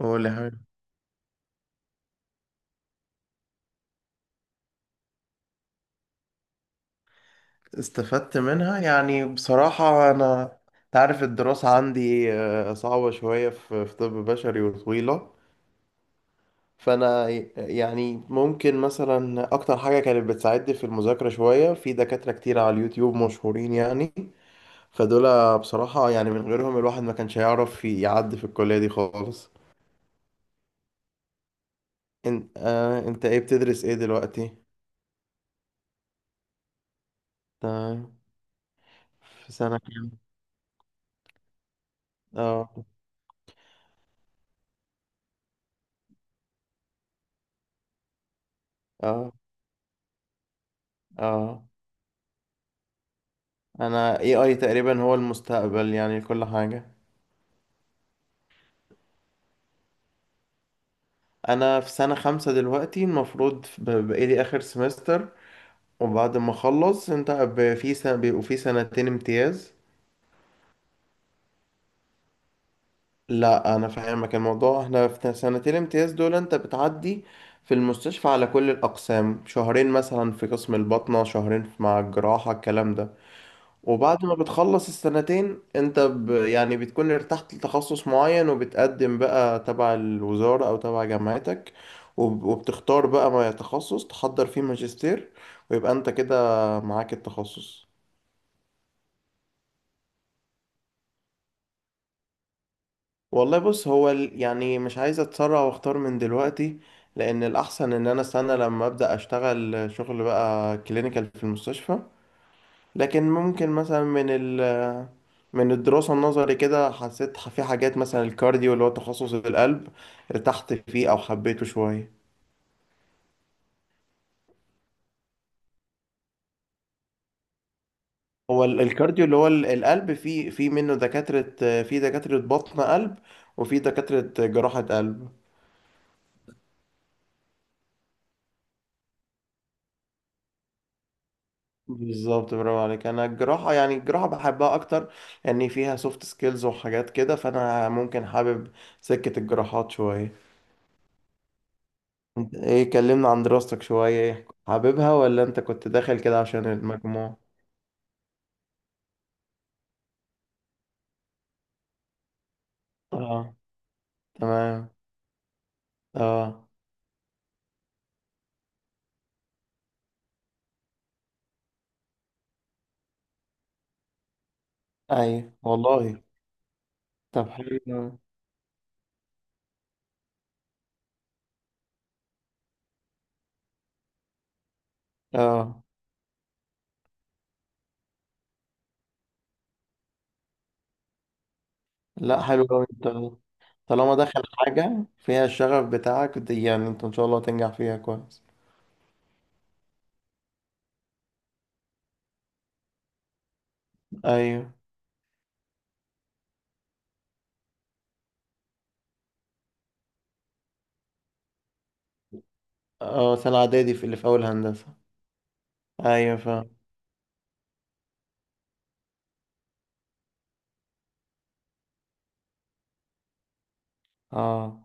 قول يا حبيبي. استفدت منها، يعني بصراحة أنا تعرف الدراسة عندي صعبة شوية في طب بشري وطويلة. فأنا يعني ممكن مثلا أكتر حاجة كانت بتساعدني في المذاكرة شوية في دكاترة كتير على اليوتيوب مشهورين يعني. فدول بصراحة يعني من غيرهم الواحد ما كانش هيعرف يعدي في الكلية دي خالص. أنت إيه بتدرس إيه دلوقتي؟ آه... في سنة كام؟ آه. آه. آه، انا AI تقريبا هو المستقبل يعني كل حاجة. انا في سنة خمسة دلوقتي المفروض بقالي اخر سمستر. وبعد ما اخلص انت في سنة بيبقوا في سنتين امتياز. لا انا فاهمك الموضوع، احنا في سنتين امتياز دول انت بتعدي في المستشفى على كل الاقسام شهرين، مثلا في قسم الباطنة شهرين، مع الجراحة الكلام ده. وبعد ما بتخلص السنتين انت يعني بتكون ارتحت لتخصص معين، وبتقدم بقى تبع الوزارة او تبع جامعتك، وبتختار بقى ما تخصص تحضر فيه ماجستير، ويبقى انت كده معاك التخصص. والله بص، يعني مش عايز اتسرع واختار من دلوقتي، لان الاحسن ان انا استنى لما ابدا اشتغل شغل بقى كلينيكال في المستشفى. لكن ممكن مثلا من الدراسة النظري كده حسيت في حاجات، مثلا الكارديو اللي هو تخصص القلب ارتحت فيه أو حبيته شوية. هو الكارديو اللي هو القلب، في منه دكاترة، في دكاترة بطن قلب، وفي دكاترة جراحة قلب. بالظبط، برافو عليك. أنا الجراحة يعني الجراحة بحبها أكتر، لأن فيها سوفت سكيلز وحاجات كده، فأنا ممكن حابب سكة الجراحات شوية. انت ايه؟ كلمنا عن دراستك شوية، ايه حاببها ولا انت كنت داخل كده عشان المجموع؟ اه. تمام. اه. اي والله. طب حلو أوي. اه. لا، حلو أوي. انت طالما داخل حاجة فيها الشغف بتاعك دي، يعني انت ان شاء الله تنجح فيها كويس. ايوه. اه، سنة اعدادي في اللي في اول هندسة. ايوه فاهم. اه.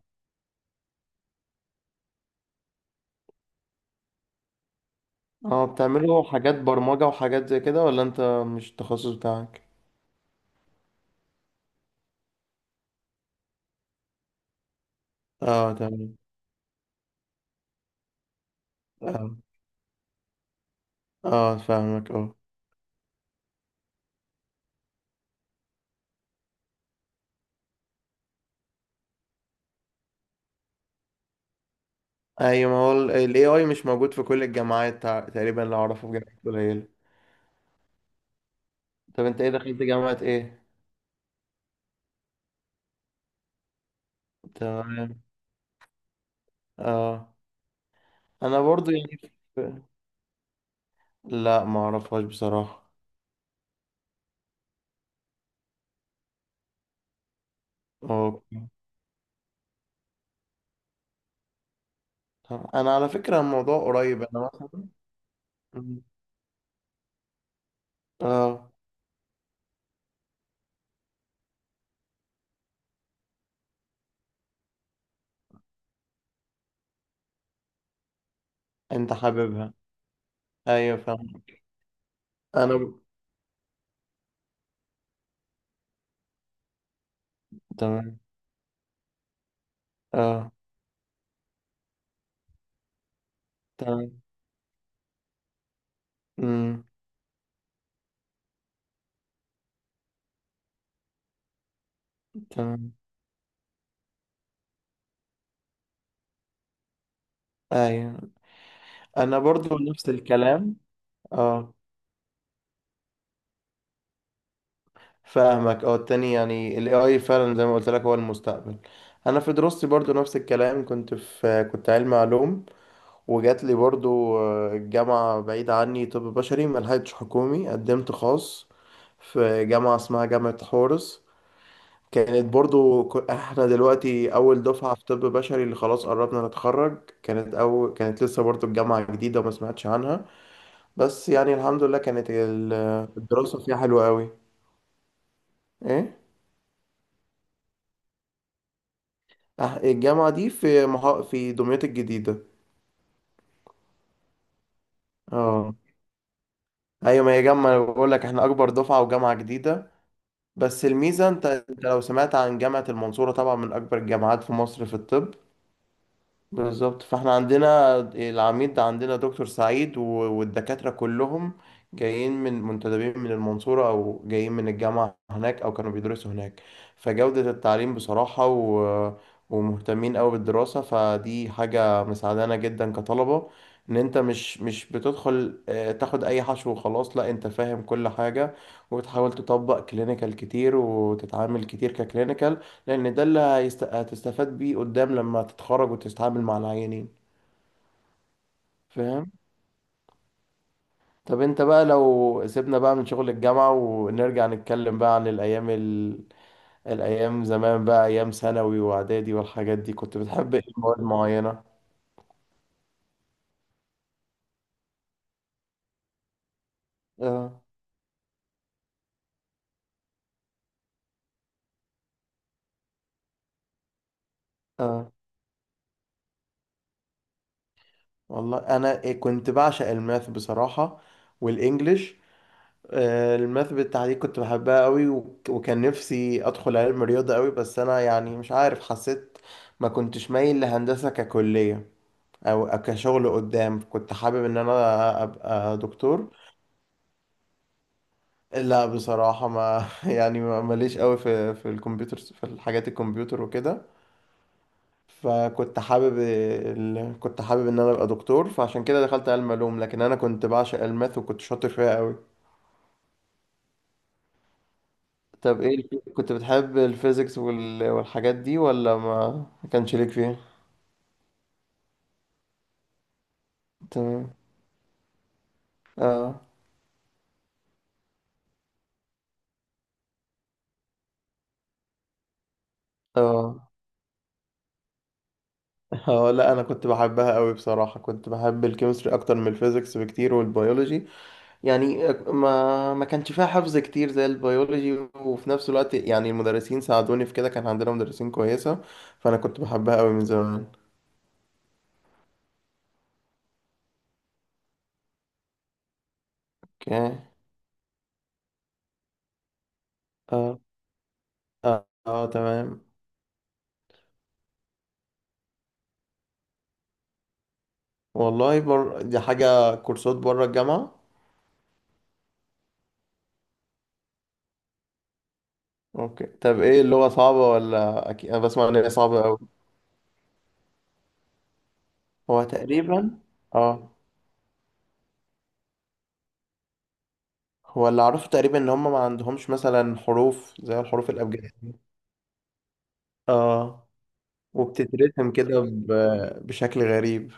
اه، بتعملوا حاجات برمجة وحاجات زي كده ولا انت مش التخصص بتاعك؟ اه تمام. اه. اه فاهمك، اه. ايوه، ما هو ال AI مش موجود في كل الجامعات، تقريبا اللي اعرفه في جامعات قليلة. طب انت ايه؟ دخلت جامعة ايه؟ تمام. اه. انا برضو يعني في- لا ما اعرفهاش بصراحة. اوكي. طب انا على فكرة الموضوع قريب، انا مثلا. مم. اه. انت حاببها؟ ايوه فاهم. انا ب... تمام. اه. تمام. امم. تمام. ايوه، انا برضو نفس الكلام. اه فاهمك، اه، التاني يعني ال AI فعلا زي ما قلت لك هو المستقبل. انا في دراستي برضو نفس الكلام، كنت في كنت علمي علوم، وجات لي برضو الجامعة بعيدة عني، طب بشري ملحقتش حكومي قدمت خاص في جامعة اسمها جامعة حورس. كانت برضو احنا دلوقتي اول دفعة في طب بشري اللي خلاص قربنا نتخرج، كانت اول، كانت لسه برضو الجامعة جديدة وما سمعتش عنها. بس يعني الحمد لله كانت الدراسة فيها حلوة قوي. ايه؟ الجامعة دي في دمياط الجديدة. اه. ايوه، ما هي جامعة، أنا بقول لك احنا اكبر دفعة وجامعة جديدة. بس الميزة انت، انت لو سمعت عن جامعة المنصورة طبعا من اكبر الجامعات في مصر في الطب. بالظبط، فاحنا عندنا العميد، عندنا دكتور سعيد والدكاترة كلهم جايين من منتدبين من المنصورة، أو جايين من الجامعة هناك، أو كانوا بيدرسوا هناك. فجودة التعليم بصراحة ومهتمين أوي بالدراسة، فدي حاجة مساعدانا جدا كطلبة. إن أنت مش بتدخل تاخد أي حشو وخلاص، لا أنت فاهم كل حاجة وبتحاول تطبق كلينيكال كتير وتتعامل كتير ككلينيكال، لان ده اللي هتستفاد بيه قدام لما تتخرج وتتعامل مع العيانين. فاهم؟ طب انت بقى لو سيبنا بقى من شغل الجامعة ونرجع نتكلم بقى عن الايام زمان بقى، ايام ثانوي واعدادي والحاجات دي، كنت بتحب ايه مواد معينة؟ اه. اه. والله انا إيه، كنت بعشق الماث بصراحة والانجليش. الماث بالتحديد كنت بحبها قوي، وكان نفسي ادخل علم رياضة قوي، بس انا يعني مش عارف، حسيت ما كنتش مايل لهندسة ككلية، او أو كشغل قدام كنت حابب ان انا ابقى دكتور. لا بصراحة ما يعني ماليش قوي في في الكمبيوتر، في الحاجات الكمبيوتر وكده. فكنت حابب كنت حابب ان انا ابقى دكتور، فعشان كده دخلت علم علوم، لكن انا كنت بعشق الماث وكنت شاطر فيها قوي. طب ايه، كنت بتحب الفيزيكس والحاجات دي ولا ما ما كانش ليك فيها؟ تمام. اه. اه. اه. لا انا كنت بحبها قوي بصراحة، كنت بحب الكيمستري اكتر من الفيزيكس بكتير والبيولوجي. يعني ما كانش فيها حفظ كتير زي البيولوجي، وفي نفس الوقت يعني المدرسين ساعدوني في كده، كان عندنا مدرسين كويسة، فأنا كنت بحبها قوي من زمان. اوكي. اه. اه, تمام. دي حاجة كورسات بره الجامعة. اوكي. طب ايه اللغة صعبة ولا؟ اكيد انا بسمع ان هي صعبة قوي. هو تقريبا، اه، هو اللي اعرفه تقريبا ان هم ما عندهمش مثلا حروف زي الحروف الابجدية. اه. وبتترسم كده بشكل غريب.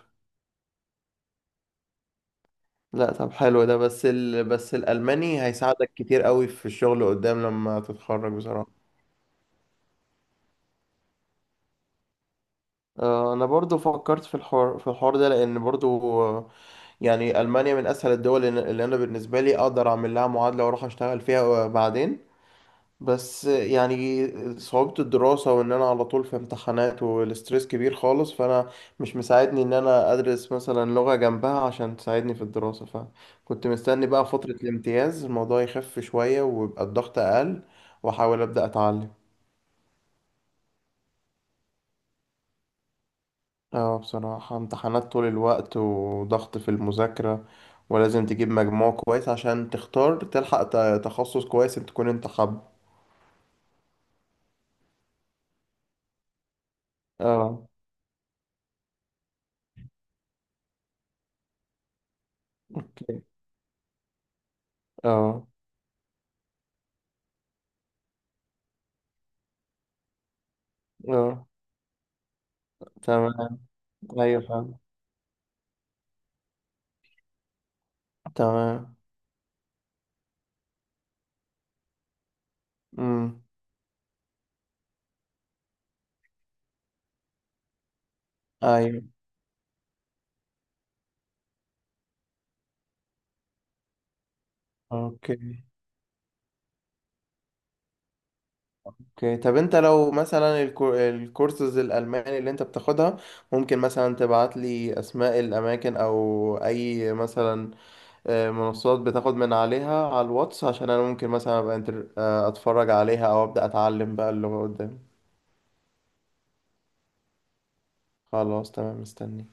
لا طب حلو ده، بس بس الألماني هيساعدك كتير قوي في الشغل قدام لما تتخرج بصراحة. انا برضو فكرت في الحوار في الحوار ده، لان برضو يعني المانيا من اسهل الدول اللي انا بالنسبه لي اقدر اعمل لها معادله واروح اشتغل فيها بعدين. بس يعني صعوبة الدراسة وإن أنا على طول في امتحانات والستريس كبير خالص، فأنا مش مساعدني إن أنا أدرس مثلا لغة جنبها عشان تساعدني في الدراسة، فكنت مستني بقى فترة الامتياز الموضوع يخف شوية ويبقى الضغط أقل وأحاول أبدأ أتعلم. اه بصراحة امتحانات طول الوقت وضغط في المذاكرة، ولازم تجيب مجموع كويس عشان تختار تلحق تخصص كويس تكون انت حابه. اه. اوكي. اه. اه. تمام. ايوه فاهم. تمام. امم. ايوه. اوكي. اوكي، طب انت لو مثلا الكورسز الالماني اللي انت بتاخدها، ممكن مثلا تبعت لي اسماء الاماكن او اي مثلا منصات بتاخد من عليها على الواتس، عشان انا ممكن مثلا ابقى اتفرج عليها او ابدا اتعلم بقى اللغة قدام. خلاص تمام مستني.